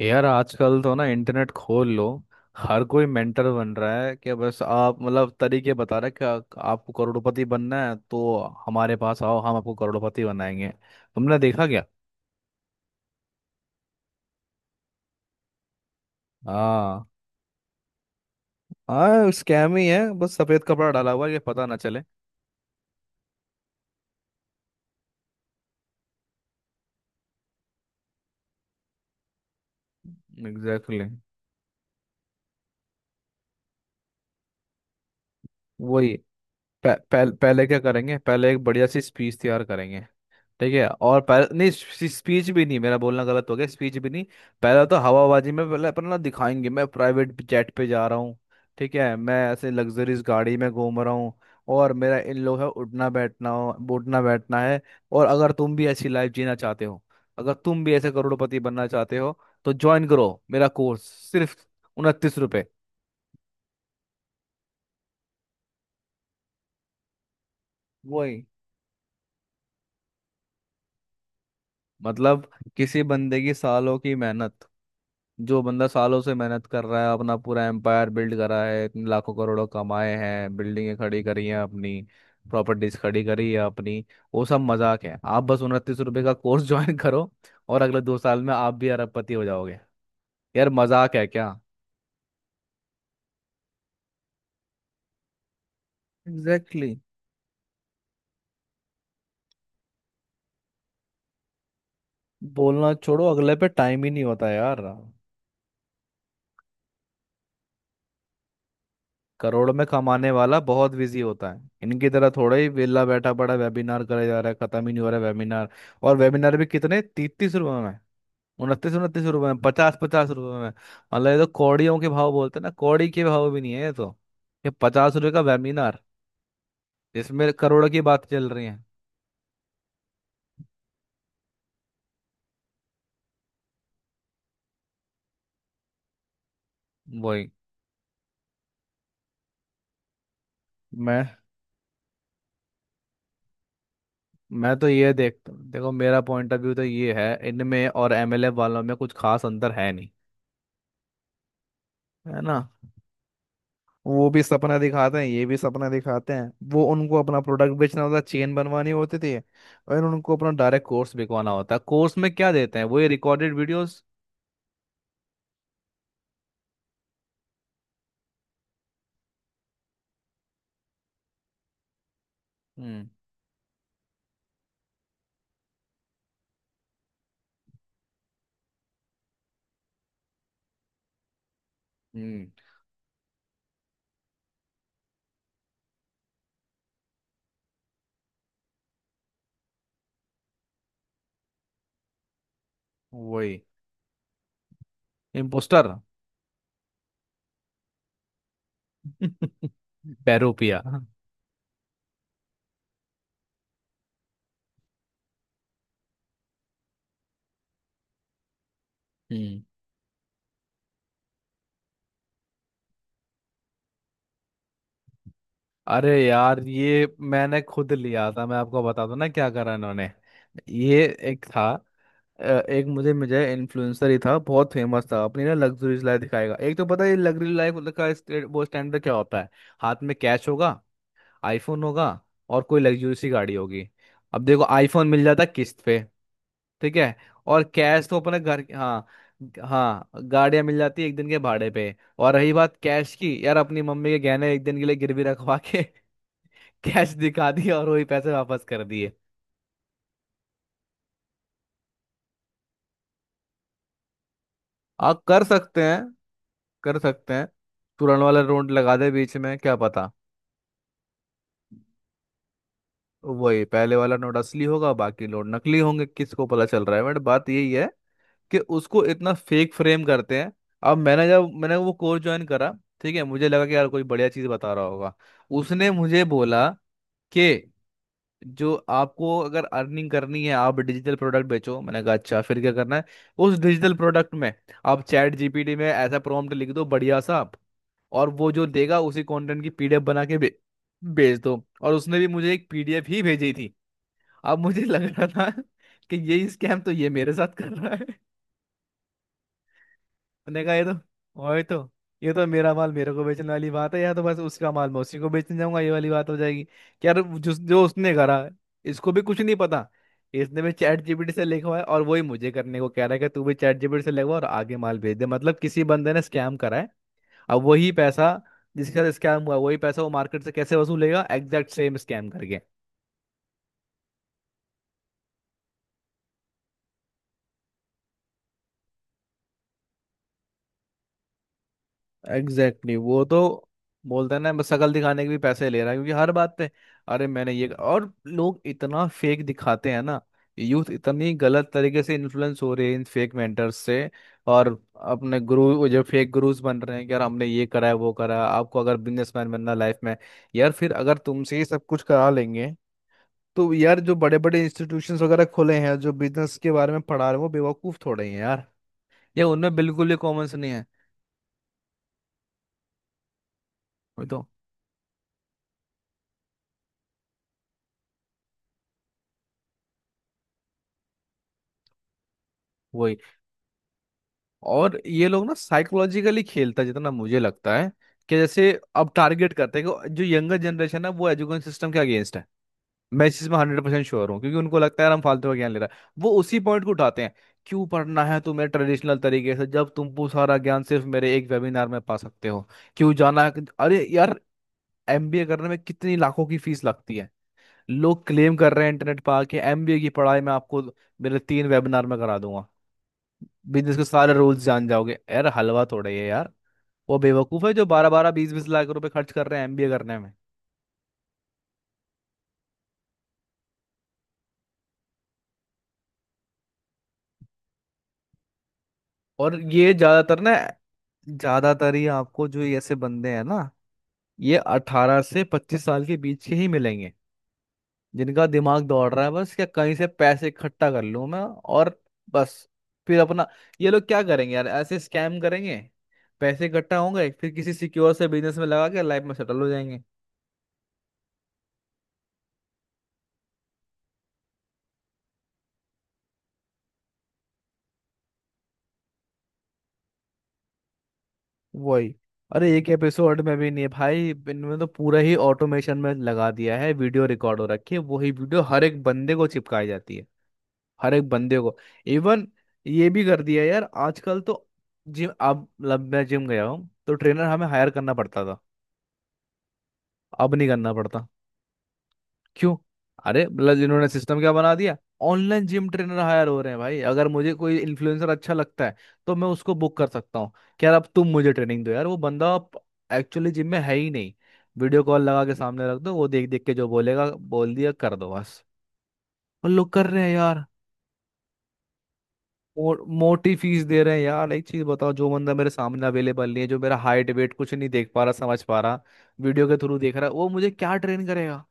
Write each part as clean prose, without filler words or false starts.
यार आजकल तो ना इंटरनेट खोल लो. हर कोई मेंटर बन रहा है कि बस आप मतलब तरीके बता रहे हैं कि आपको करोड़पति बनना है तो हमारे पास आओ. हम आपको करोड़पति बनाएंगे. तुमने देखा क्या? हाँ. हाँ, स्कैम ही है, बस सफेद कपड़ा डाला हुआ है कि पता ना चले. Exactly exactly. वही. पह, पह, पहले क्या करेंगे? पहले एक बढ़िया सी स्पीच तैयार करेंगे. ठीक है, और पहले नहीं, स्पीच भी नहीं, मेरा बोलना गलत हो गया, स्पीच भी नहीं. पहला तो हवाबाजी में पहले अपना ना दिखाएंगे, मैं प्राइवेट जेट पे जा रहा हूँ. ठीक है, मैं ऐसे लग्जरीज गाड़ी में घूम रहा हूँ. और मेरा इन लोग है उठना बैठना हो, उठना बैठना है. और अगर तुम भी ऐसी लाइफ जीना चाहते हो, अगर तुम भी ऐसे करोड़पति बनना चाहते हो, तो ज्वाइन करो मेरा कोर्स, सिर्फ 29 रुपये. वही. मतलब किसी बंदे की सालों की मेहनत, जो बंदा सालों से मेहनत कर रहा है, अपना पूरा एम्पायर बिल्ड करा है, इतने लाखों करोड़ों कमाए हैं, बिल्डिंगें खड़ी करी हैं अपनी, प्रॉपर्टीज खड़ी करी है अपनी, वो सब मजाक है? आप बस 29 रुपए का कोर्स ज्वाइन करो, और अगले 2 साल में आप भी अरबपति हो जाओगे? यार मजाक है क्या? Exactly exactly. बोलना छोड़ो, अगले पे टाइम ही नहीं होता यार. करोड़ में कमाने वाला बहुत बिजी होता है, इनकी तरह थोड़ा ही वेला बैठा पड़ा वेबिनार करे जा रहा है, खत्म ही नहीं हो रहा है वेबिनार. और वेबिनार भी कितने? 30-30 रुपए, 29-29 रुपए में, 50-50 रुपए में. मतलब ये तो कौड़ियों के भाव बोलते हैं ना, कौड़ी के भाव भी नहीं है ये तो. ये 50 रुपए का वेबिनार, इसमें करोड़ों की बात चल रही है. वही. मैं मैं तो ये देखता हूँ, देखो मेरा पॉइंट ऑफ व्यू तो ये है, इनमें और एमएलए वालों में कुछ खास अंतर है नहीं. है ना? वो भी सपना दिखाते हैं, ये भी सपना दिखाते हैं, वो उनको अपना प्रोडक्ट बेचना होता है, चेन बनवानी होती थी, और उनको अपना डायरेक्ट कोर्स बिकवाना होता है. कोर्स में क्या देते हैं? वही रिकॉर्डेड वीडियोस. हम्म. हम्म. वही. इम्पोस्टर पेरूपिया. हम्म. अरे यार, ये मैंने खुद लिया था, मैं आपको बता दूं ना क्या करा इन्होंने. ये एक था. एक मुझे मुझे इन्फ्लुएंसर ही था, बहुत फेमस था, अपनी ना लग्जरीज लाइफ दिखाएगा. एक तो पता है लग्जरी लाइफ का वो स्टैंडर्ड क्या होता है. हाथ में कैश होगा, आईफोन होगा, और कोई लग्जरी सी गाड़ी होगी. अब देखो आईफोन मिल जाता किस्त पे, ठीक है, और कैश तो अपने घर. हाँ. हाँ, गाड़ियां मिल जाती है एक दिन के भाड़े पे, और रही बात कैश की, यार अपनी मम्मी के गहने एक दिन के लिए गिरवी रखवा के कैश दिखा दिया और वही पैसे वापस कर दिए. आप कर सकते हैं, कर सकते हैं. तुरंत वाला नोट लगा दे बीच में, क्या पता, वही पहले वाला नोट असली होगा, बाकी नोट नकली होंगे, किसको पता चल रहा है? बट बात यही है कि उसको इतना फेक फ्रेम करते हैं. अब मैंने, जब मैंने वो कोर्स ज्वाइन करा, ठीक है, मुझे लगा कि यार कोई बढ़िया चीज़ बता रहा होगा. उसने मुझे बोला कि जो आपको अगर अर्निंग करनी है, आप डिजिटल प्रोडक्ट बेचो. मैंने कहा अच्छा, फिर क्या करना है उस डिजिटल प्रोडक्ट में? आप चैट जीपीटी में ऐसा प्रॉम्प्ट लिख दो बढ़िया सा और वो जो देगा, उसी कंटेंट की पीडीएफ बना के भेज दो. और उसने भी मुझे एक पीडीएफ ही भेजी थी. अब मुझे लग रहा था कि यही स्कैम तो ये मेरे साथ कर रहा है. मैंने कहा ये तो, और तो, ये तो मेरा माल मेरे को बेचने वाली बात है, या तो बस उसका माल मैं उसी को बेचने जाऊंगा, ये वाली बात हो जाएगी कि यार जो जो उसने करा, इसको भी कुछ नहीं पता, इसने भी चैट जीपीटी से लिखवा है और वही मुझे करने को कह रहा है कि तू भी चैट जीपीटी से लिखवा और आगे माल भेज दे. मतलब किसी बंदे ने स्कैम करा है, अब वही पैसा, जिसके साथ स्कैम हुआ, वही पैसा वो मार्केट से कैसे वसूलेगा? एग्जैक्ट सेम स्कैम करके. एग्जैक्टली exactly, वो तो बोलते हैं ना, बस शक्ल दिखाने के भी पैसे ले रहा है, क्योंकि हर बात पे. अरे मैंने ये, और लोग इतना फेक दिखाते हैं ना, यूथ इतनी गलत तरीके से इन्फ्लुएंस हो रही है इन फेक मेंटर्स से. और अपने गुरु, वो जो फेक गुरुज बन रहे हैं कि यार हमने ये करा है, वो करा है, आपको अगर बिजनेसमैन बनना है लाइफ में. यार फिर अगर तुमसे ही सब कुछ करा लेंगे, तो यार जो बड़े बड़े इंस्टीट्यूशंस वगैरह खुले हैं जो बिजनेस के बारे में पढ़ा रहे हैं, वो बेवकूफ थोड़े ही हैं यार, या उनमें बिल्कुल ही कॉमन नहीं है. वही तो. वही. और ये लोग ना साइकोलॉजिकली खेलता है जितना मुझे लगता है, कि जैसे अब टारगेट करते हैं कि जो यंगर जनरेशन है, वो एजुकेशन सिस्टम के अगेंस्ट है. मैं इस चीज में 100% श्योर हूँ, क्योंकि उनको लगता है यार हम फालतू का ज्ञान ले रहा है, वो उसी पॉइंट को उठाते हैं. क्यों पढ़ना है तुम्हें ट्रेडिशनल तरीके से, जब तुम वो सारा ज्ञान सिर्फ मेरे एक वेबिनार में पा सकते हो, क्यों जाना है? अरे यार, एमबीए करने में कितनी लाखों की फीस लगती है. लोग क्लेम कर रहे हैं इंटरनेट पर आके, एमबीए की पढ़ाई मैं आपको मेरे 3 वेबिनार में करा दूंगा. बिजनेस के सारे रूल्स जान जाओगे, यार हलवा थोड़ा ही है यार. वो बेवकूफ है जो 12-12 20-20 लाख रुपए खर्च कर रहे हैं एमबीए करने में. और ये ज्यादातर ना, ज्यादातर ही आपको जो ये ऐसे बंदे हैं ना, ये 18 से 25 साल के बीच के ही मिलेंगे, जिनका दिमाग दौड़ रहा है, बस क्या कहीं से पैसे इकट्ठा कर लूं मैं, और बस, फिर अपना, ये लोग क्या करेंगे यार? ऐसे स्कैम करेंगे, पैसे इकट्ठा होंगे, फिर किसी सिक्योर से बिजनेस में लगा के लाइफ में सेटल हो जाएंगे. वही. अरे एक एपिसोड में भी नहीं है भाई, इनमें तो पूरा ही ऑटोमेशन में लगा दिया है, वीडियो रिकॉर्ड हो रखी है, वही वीडियो हर एक बंदे को चिपकाई जाती है, हर एक बंदे को. इवन ये भी कर दिया है यार आजकल तो. जिम, अब मतलब मैं जिम गया हूँ तो ट्रेनर हमें हायर करना पड़ता था, अब नहीं करना पड़ता. क्यों? अरे मतलब इन्होंने सिस्टम क्या बना दिया, ऑनलाइन जिम ट्रेनर हायर हो रहे हैं भाई. अगर मुझे कोई इन्फ्लुएंसर अच्छा लगता है, तो मैं उसको बुक कर सकता हूँ कि यार अब तुम मुझे ट्रेनिंग दो यार. वो बंदा एक्चुअली जिम में है ही नहीं, वीडियो कॉल लगा के सामने रख दो, वो देख देख के जो बोलेगा बोल दिया कर दो बस. और लोग कर रहे हैं यार. मोटी फीस दे रहे हैं यार, एक चीज बताओ, जो बंदा मेरे सामने अवेलेबल नहीं है, जो मेरा हाइट वेट कुछ नहीं देख पा रहा, समझ पा रहा, वीडियो के थ्रू देख रहा है, वो मुझे क्या ट्रेन करेगा?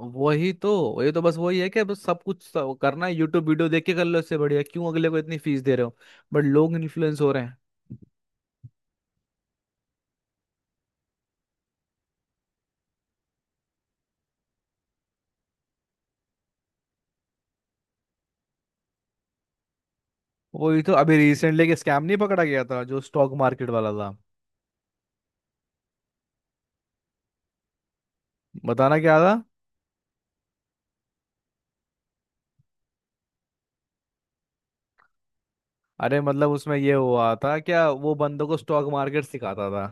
वही तो, ये तो बस वही है कि बस सब कुछ, सब करना है यूट्यूब वीडियो देख के कर लो, इससे बढ़िया क्यों अगले को इतनी फीस दे रहे हो. बट लोग इन्फ्लुएंस हो रहे हैं. वही तो, अभी रिसेंटली एक स्कैम नहीं पकड़ा गया था जो स्टॉक मार्केट वाला था? बताना क्या था? अरे मतलब उसमें ये हुआ था क्या, वो बंदों को स्टॉक मार्केट सिखाता था,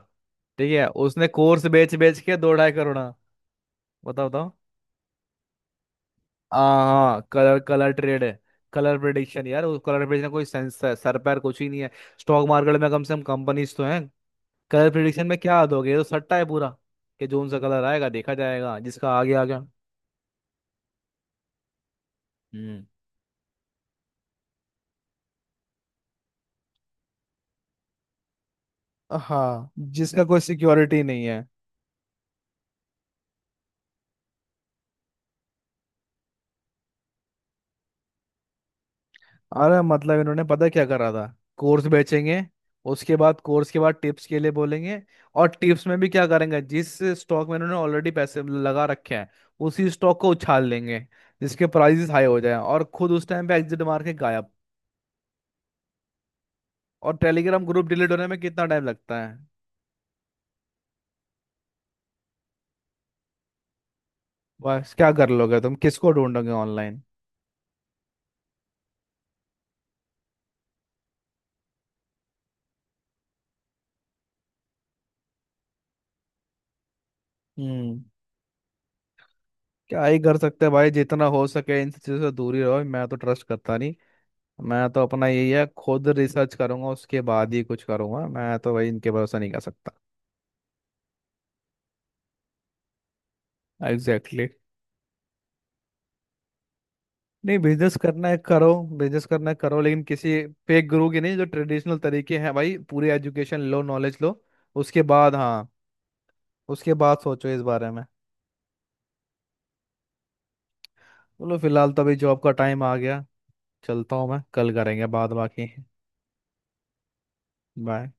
ठीक है, उसने कोर्स बेच बेच के 2-2.5 करोड़. हाँ, बताओ बताओ. हाँ. हाँ, कलर कलर ट्रेड है. कलर प्रेडिक्शन, यार उस कलर प्रेडिक्शन कोई सेंस सर पैर कुछ ही नहीं है. स्टॉक मार्केट में कम से कम कंपनीज तो हैं, कलर प्रिडिक्शन में क्या दोगे? ये तो सट्टा है पूरा, कि जोन सा कलर आएगा देखा जाएगा, जिसका आ गया आ गया. हम्म. हाँ, जिसका कोई सिक्योरिटी नहीं है. अरे मतलब इन्होंने पता क्या करा था? कोर्स बेचेंगे, उसके बाद कोर्स के बाद टिप्स के लिए बोलेंगे, और टिप्स में भी क्या करेंगे? जिस स्टॉक में इन्होंने ऑलरेडी पैसे लगा रखे हैं, उसी स्टॉक को उछाल लेंगे, जिसके प्राइसेस हाई हो जाए, और खुद उस टाइम पे एग्जिट मार के गायब. और टेलीग्राम ग्रुप डिलीट होने में कितना टाइम लगता है, बस क्या कर लोगे तुम? किसको ढूंढोगे ऑनलाइन? हम्म. क्या ही कर सकते हैं भाई, जितना हो सके इन सब चीज़ों से दूर ही रहो, मैं तो ट्रस्ट करता नहीं. मैं तो अपना यही है, खुद रिसर्च करूंगा, उसके बाद ही कुछ करूंगा, मैं तो भाई इनके भरोसा नहीं कर सकता. Exactly exactly. नहीं, बिजनेस करना है करो, बिजनेस करना है करो, लेकिन किसी फेक गुरु की नहीं, जो ट्रेडिशनल तरीके हैं भाई, पूरी एजुकेशन लो, नॉलेज लो, उसके बाद हाँ, उसके बाद सोचो इस बारे में. बोलो फिलहाल तो अभी जॉब का टाइम आ गया, चलता हूँ मैं, कल करेंगे बाद बाकी. बाय.